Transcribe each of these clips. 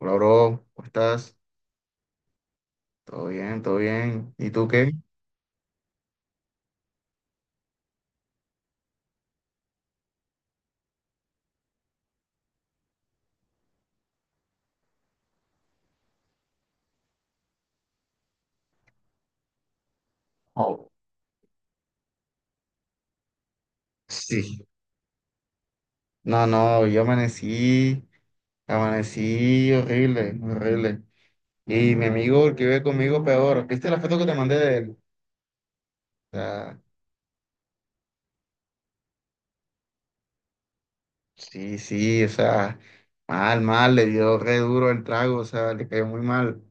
Hola, bro, ¿cómo estás? Todo bien, todo bien. ¿Y tú qué? Oh, sí. No, no, yo amanecí horrible, horrible. Y mi amigo, el que vive conmigo, peor. ¿Viste la foto que te mandé de él? O sea, sí, sí, o sea, mal, mal, le dio re duro el trago, o sea, le cayó muy mal.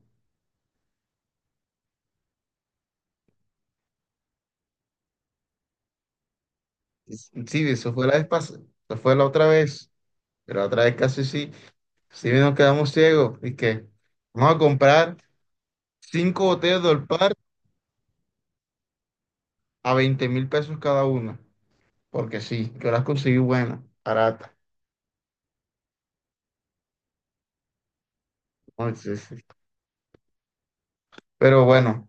Sí, eso fue la vez pasada, eso fue la otra vez, pero la otra vez casi sí, sí nos quedamos ciegos. Y que vamos a comprar cinco botellas de Olpar a $20.000 cada una, porque sí, yo las conseguí buenas, baratas. ¿No? Sí, sí. Pero bueno,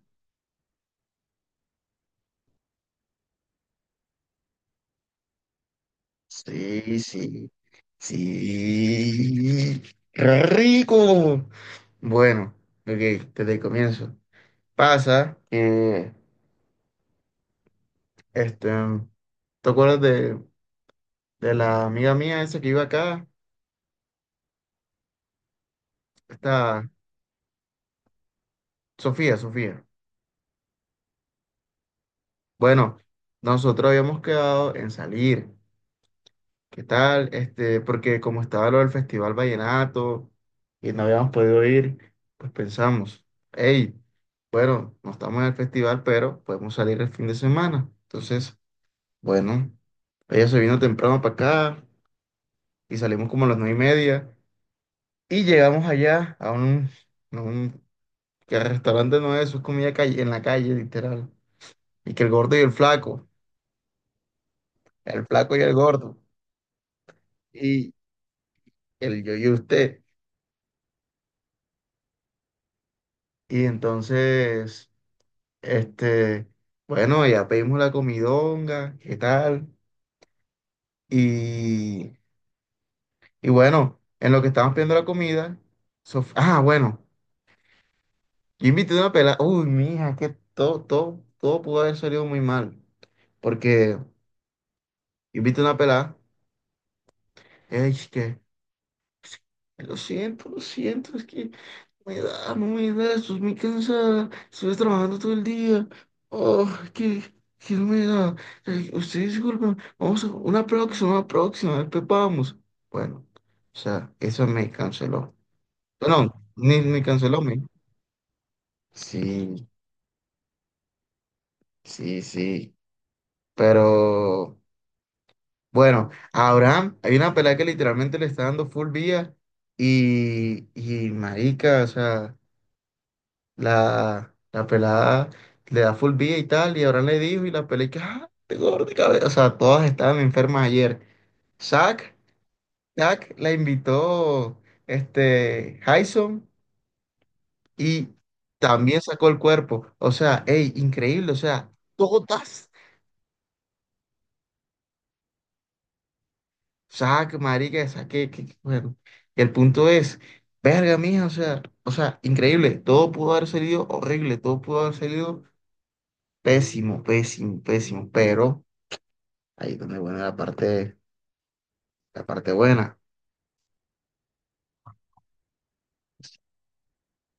sí, sí, sí, rico. Bueno, ok, desde el comienzo. Pasa que, este, ¿te acuerdas de la amiga mía esa que iba acá? Esta, Sofía, Sofía. Bueno, nosotros habíamos quedado en salir. ¿Qué tal? Porque como estaba lo del Festival Vallenato y no habíamos podido ir, pues pensamos, hey, bueno, no estamos en el festival, pero podemos salir el fin de semana. Entonces, bueno, ella se vino temprano para acá y salimos como a las 9:30 y llegamos allá a un que restaurante no es, eso es comida calle, en la calle, literal. Y que el gordo y el flaco y el gordo, y el yo y usted. Y entonces... Este, bueno, ya pedimos la comidonga, ¿qué tal? Y, y bueno, en lo que estábamos pidiendo la comida, bueno, yo invité una pelada, uy, mija, es que todo, todo, todo pudo haber salido muy mal, porque yo invité una pelada. Lo siento, es que no me da, no me da, estoy muy cansada, estuve trabajando todo el día. Oh, que, que no me da. Usted disculpa, vamos a una próxima, después vamos. Bueno, o sea, eso me canceló. No ni me canceló, me. Sí, sí, sí. Pero bueno, a Abraham, hay una pelea que literalmente le está dando full vía y marica, o sea. La pelada le da full vida y tal, y ahora le dijo, y la pelada, y que, ah, te gordo de cabeza. O sea, todas estaban enfermas ayer. Zack, Zack la invitó, Jason, y también sacó el cuerpo. O sea, ey, increíble, o sea, todas. Zack, marica, Zack, bueno. Y el punto es, verga, mija, o sea, increíble. Todo pudo haber salido horrible, todo pudo haber salido pésimo, pésimo, pésimo, pero. Ahí donde, bueno, la parte buena.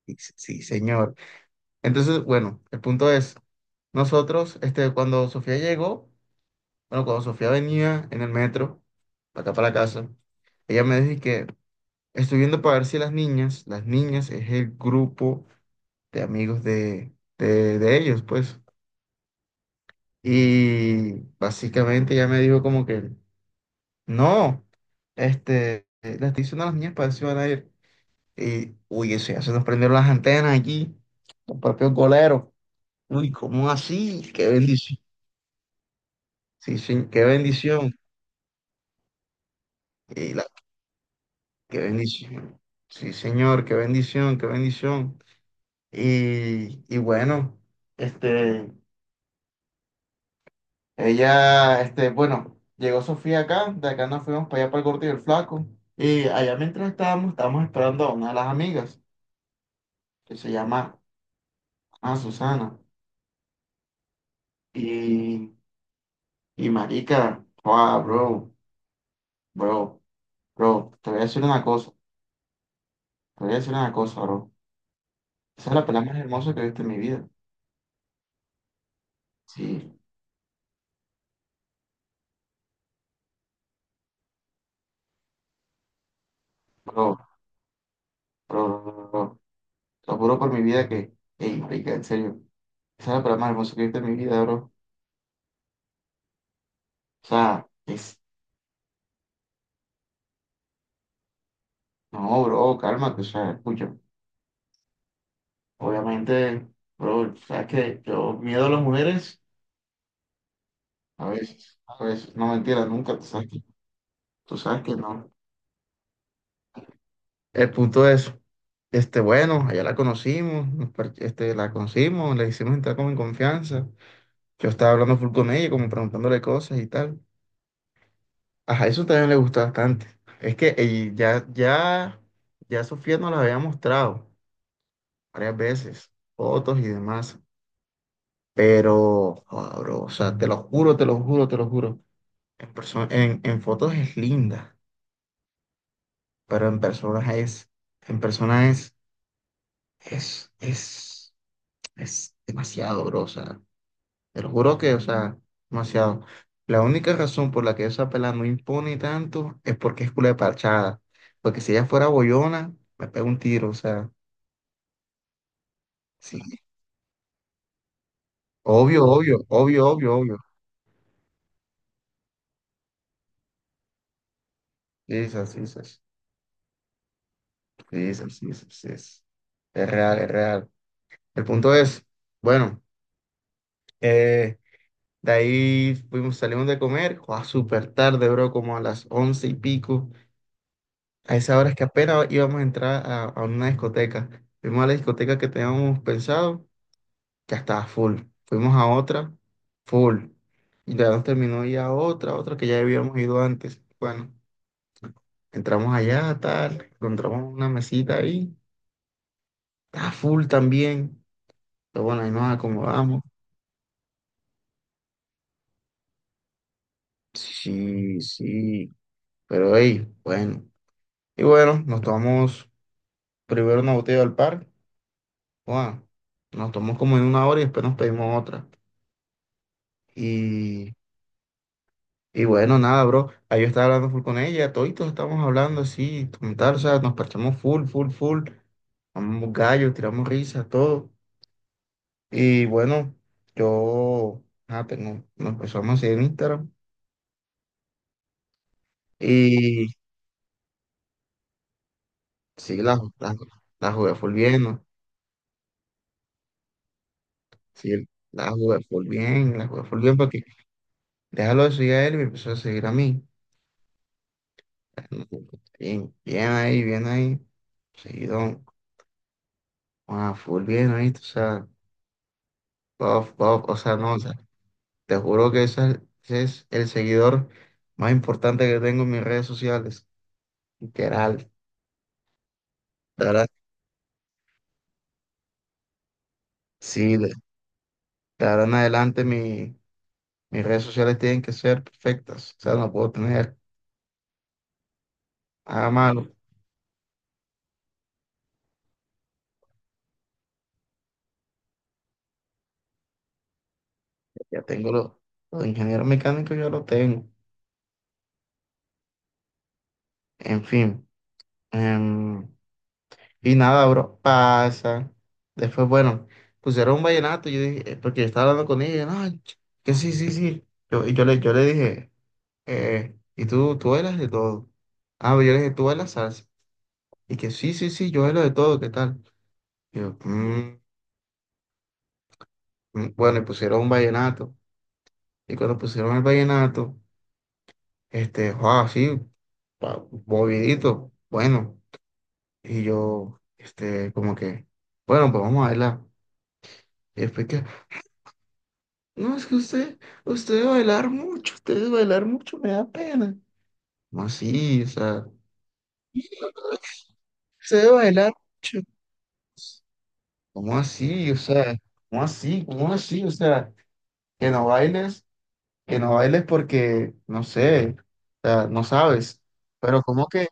Sí, sí, señor. Entonces, bueno, el punto es, nosotros, cuando Sofía llegó, bueno, cuando Sofía venía en el metro, para acá para la casa, ella me dijo que estoy viendo para ver si las niñas, las niñas es el grupo de amigos de ellos, pues. Y básicamente ella me dijo como que, no, le estoy diciendo a las niñas para ver si van a ir. Y, uy, eso ya se nos prendieron las antenas aquí, los propios goleros. Uy, ¿cómo así? Qué bendición. Sí, sí, qué bendición. Y la- qué bendición. Sí, señor, qué bendición, qué bendición. Y bueno, este, ella, bueno, llegó Sofía acá, de acá nos fuimos para allá para el Gordo y el Flaco. Y allá mientras estábamos esperando a una de las amigas, que se llama Susana. Y, y marica, wow, bro, bro. Bro, te voy a decir una cosa, te voy a decir una cosa, bro. Esa es la pelea más hermosa que he visto en mi vida. Sí, bro, bro, bro, bro, bro. Te lo juro por mi vida que, ey, marica, en serio. Esa es la pelea más hermosa que he visto en mi vida, bro. O sea, es, no, bro, cálmate, o sea, escucha. Obviamente, bro, sabes que yo miedo a las mujeres, a veces, no mentira, nunca, tú sabes que no. El punto es, bueno, allá la conocimos, la conocimos, le hicimos entrar como en confianza. Yo estaba hablando full con ella, como preguntándole cosas y tal. Ajá, eso también le gustó bastante. Es que ya Sofía nos la había mostrado varias veces, fotos y demás. Pero, joda, bro, o sea, te lo juro, te lo juro, te lo juro. En persona, en fotos es linda, pero en persona es, en persona es, es, es, demasiado, bro. O sea, te lo juro que, o sea, demasiado. La única razón por la que esa pelada no impone tanto es porque es culo de parchada. Porque si ella fuera bollona, me pega un tiro, o sea, sí. Obvio, obvio, obvio, obvio, obvio. Sí, es así, sí, es sí, es sí, sí es. Es real, es real. El punto es, bueno, eh, de ahí fuimos, salimos de comer, a súper tarde, bro, como a las 11 y pico. A esa hora es que apenas íbamos a entrar a una discoteca. Fuimos a la discoteca que teníamos pensado, ya estaba full. Fuimos a otra, full. Y ya nos terminó ya otra que ya habíamos ido antes. Bueno, entramos allá, tal, encontramos una mesita ahí, estaba full también. Pero bueno, ahí nos acomodamos. Sí, sí, pero ahí, bueno. Y bueno, nos tomamos primero una botella del par. Bueno, nos tomamos como en una hora y después nos pedimos otra. Y Y bueno, nada, bro. Ahí yo estaba hablando full con ella, toditos estamos hablando así, como tal, o sea, nos parchamos full, full, full. Amamos gallos, tiramos risas, todo. Y bueno, yo, nos empezamos a seguir en Instagram. Y sí, la jugué full bien, ¿no? Sí, la jugué full bien, la jugué full bien, porque déjalo de seguir a él y me empezó a seguir a mí. Bien, bien ahí, bien ahí. Seguido, full bien ahí, o sea, buff, buff, o sea, no, te juro que ese es el seguidor más importante que tengo en mis redes sociales. Literal. De ahora, sí, de ahora en adelante mis redes sociales tienen que ser perfectas. O sea, no puedo tener nada malo. Ya tengo los ingenieros mecánicos, ya lo tengo. En fin. em, y nada, bro, pasa. Después, bueno, pusieron un vallenato. Yo dije, porque yo estaba hablando con ella. Y yo, no, que sí, sí, sí. Yo, yo le dije. Y tú bailas de todo. Ah, pero yo le dije, tú bailas salsa. Y que sí, sí, sí, yo bailo de todo, ¿qué tal? Y yo, "Mm, mm". Bueno, y pusieron un vallenato. Y cuando pusieron el vallenato, wow, sí, movidito, bueno. Y yo, como que, bueno, pues vamos a bailar. Y después que, no, es que usted, usted debe bailar mucho, usted debe bailar mucho, me da pena. No, sí, o sea, usted debe bailar mucho. ¿Cómo así? O sea, ¿cómo así? ¿Cómo así? O sea, que no bailes, que no bailes porque, no sé, o sea, no sabes. Pero ¿cómo que?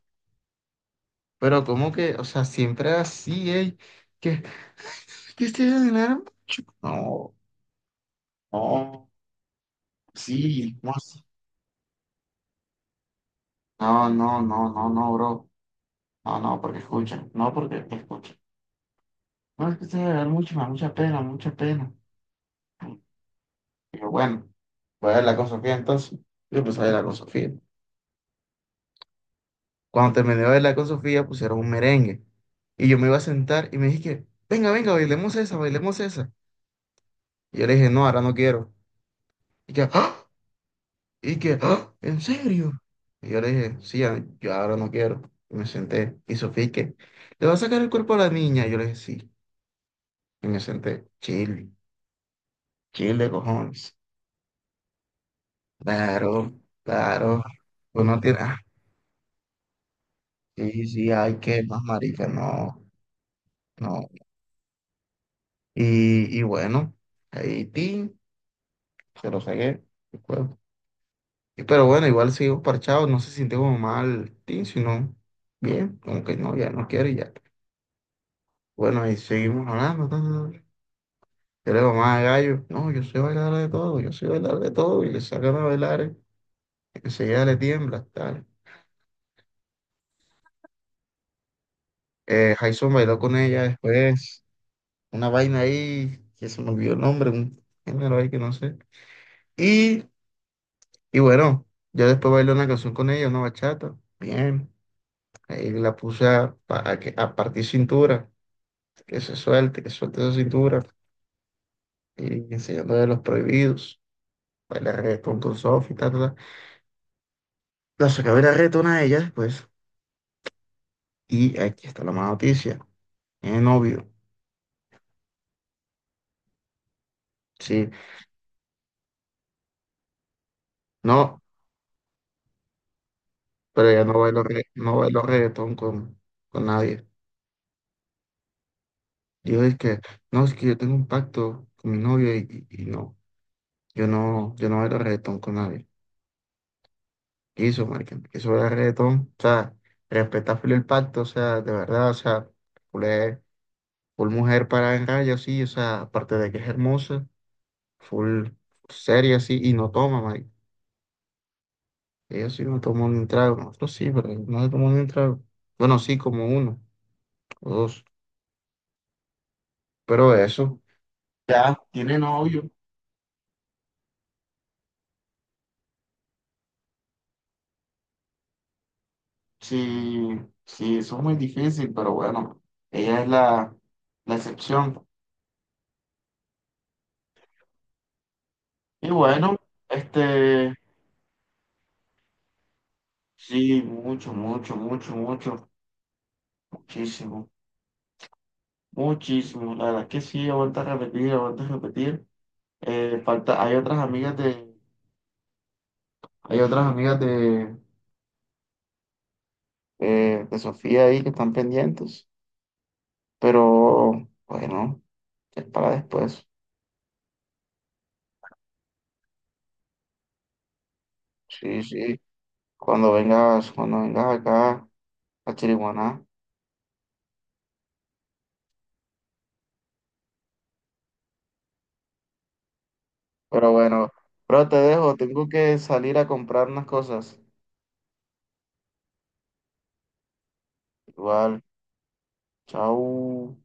Pero ¿cómo que? O sea, siempre así, ¿eh? que, que este ganar mucho. No, no, sí, ¿cómo así? No, no, no, no, no, bro. No, no, porque escucha, no, porque escucha. No, es que este ganar mucho, me da mucha pena, mucha pena. Pero bueno, voy a hablar con Sofía entonces. Yo pues voy a hablar con Sofía. Cuando terminé de bailar con Sofía, pusieron un merengue. Y yo me iba a sentar y me dije que, venga, venga, bailemos esa, bailemos esa. Y yo le dije, no, ahora no quiero. Y que, "¿Ah? Y que, "¿Ah? ¿En serio?" Y yo le dije, sí, yo ahora no quiero. Y me senté. Y Sofía, ¿y qué? ¿Le va a sacar el cuerpo a la niña? Y yo le dije, sí. Y me senté. Chile, chile, cojones. Claro, claro. Uno tiene, sí, sí, hay que más marica, no, no. Y bueno, ahí, ti. Se lo saqué. El cuerpo. Pero bueno, igual sigo parchado, no se sintió como mal, tin, sino bien, como que no, ya no quiero y ya. Bueno, y seguimos hablando. Ta, ta, ta. Yo le digo, más gallo, no, yo soy bailar de todo, yo soy bailar de todo, y le sacan a bailar, enseguida le tiembla, tal. Jason bailó con ella después, una vaina ahí, que se me olvidó el nombre, un género ahí que no sé. Y, y bueno, yo después bailé una canción con ella, una bachata, bien. Ahí la puse a que, a partir cintura, que se suelte, que suelte esa cintura, y enseñando de los prohibidos, bailar reggaetón con Sofi, ta, ta, ta. La saqué a bailar reggaetón a ella después, y aquí está la mala noticia, tiene novio, sí, no, pero ella no bailó, no bailó reggaetón con nadie. Dijo, es que, no, es que yo tengo un pacto con mi novio y no, yo no bailo reggaetón con nadie. Eso, marica, eso era reggaetón, o sea, respeta full el pacto, o sea, de verdad, o sea, full, full mujer para en raya, sí, o sea, aparte de que es hermosa, full seria, sí, y no toma, marica, ella sí no toma ni un trago, nosotros sí, pero ellos no se tomó ni un trago, bueno, sí, como uno o dos, pero eso, ya, tiene novio, sí, sí, eso es muy difícil, pero bueno, ella es la excepción, y bueno, este... Sí, mucho, mucho, mucho, mucho, muchísimo, muchísimo. La verdad que sí, aguanta repetir, aguanta repetir. Falta, hay otras amigas de, de Sofía ahí que están pendientes, pero bueno, es para después. Sí, sí, cuando vengas acá a Chiriguaná. Pero bueno, pero te dejo, tengo que salir a comprar unas cosas. Igual, chao.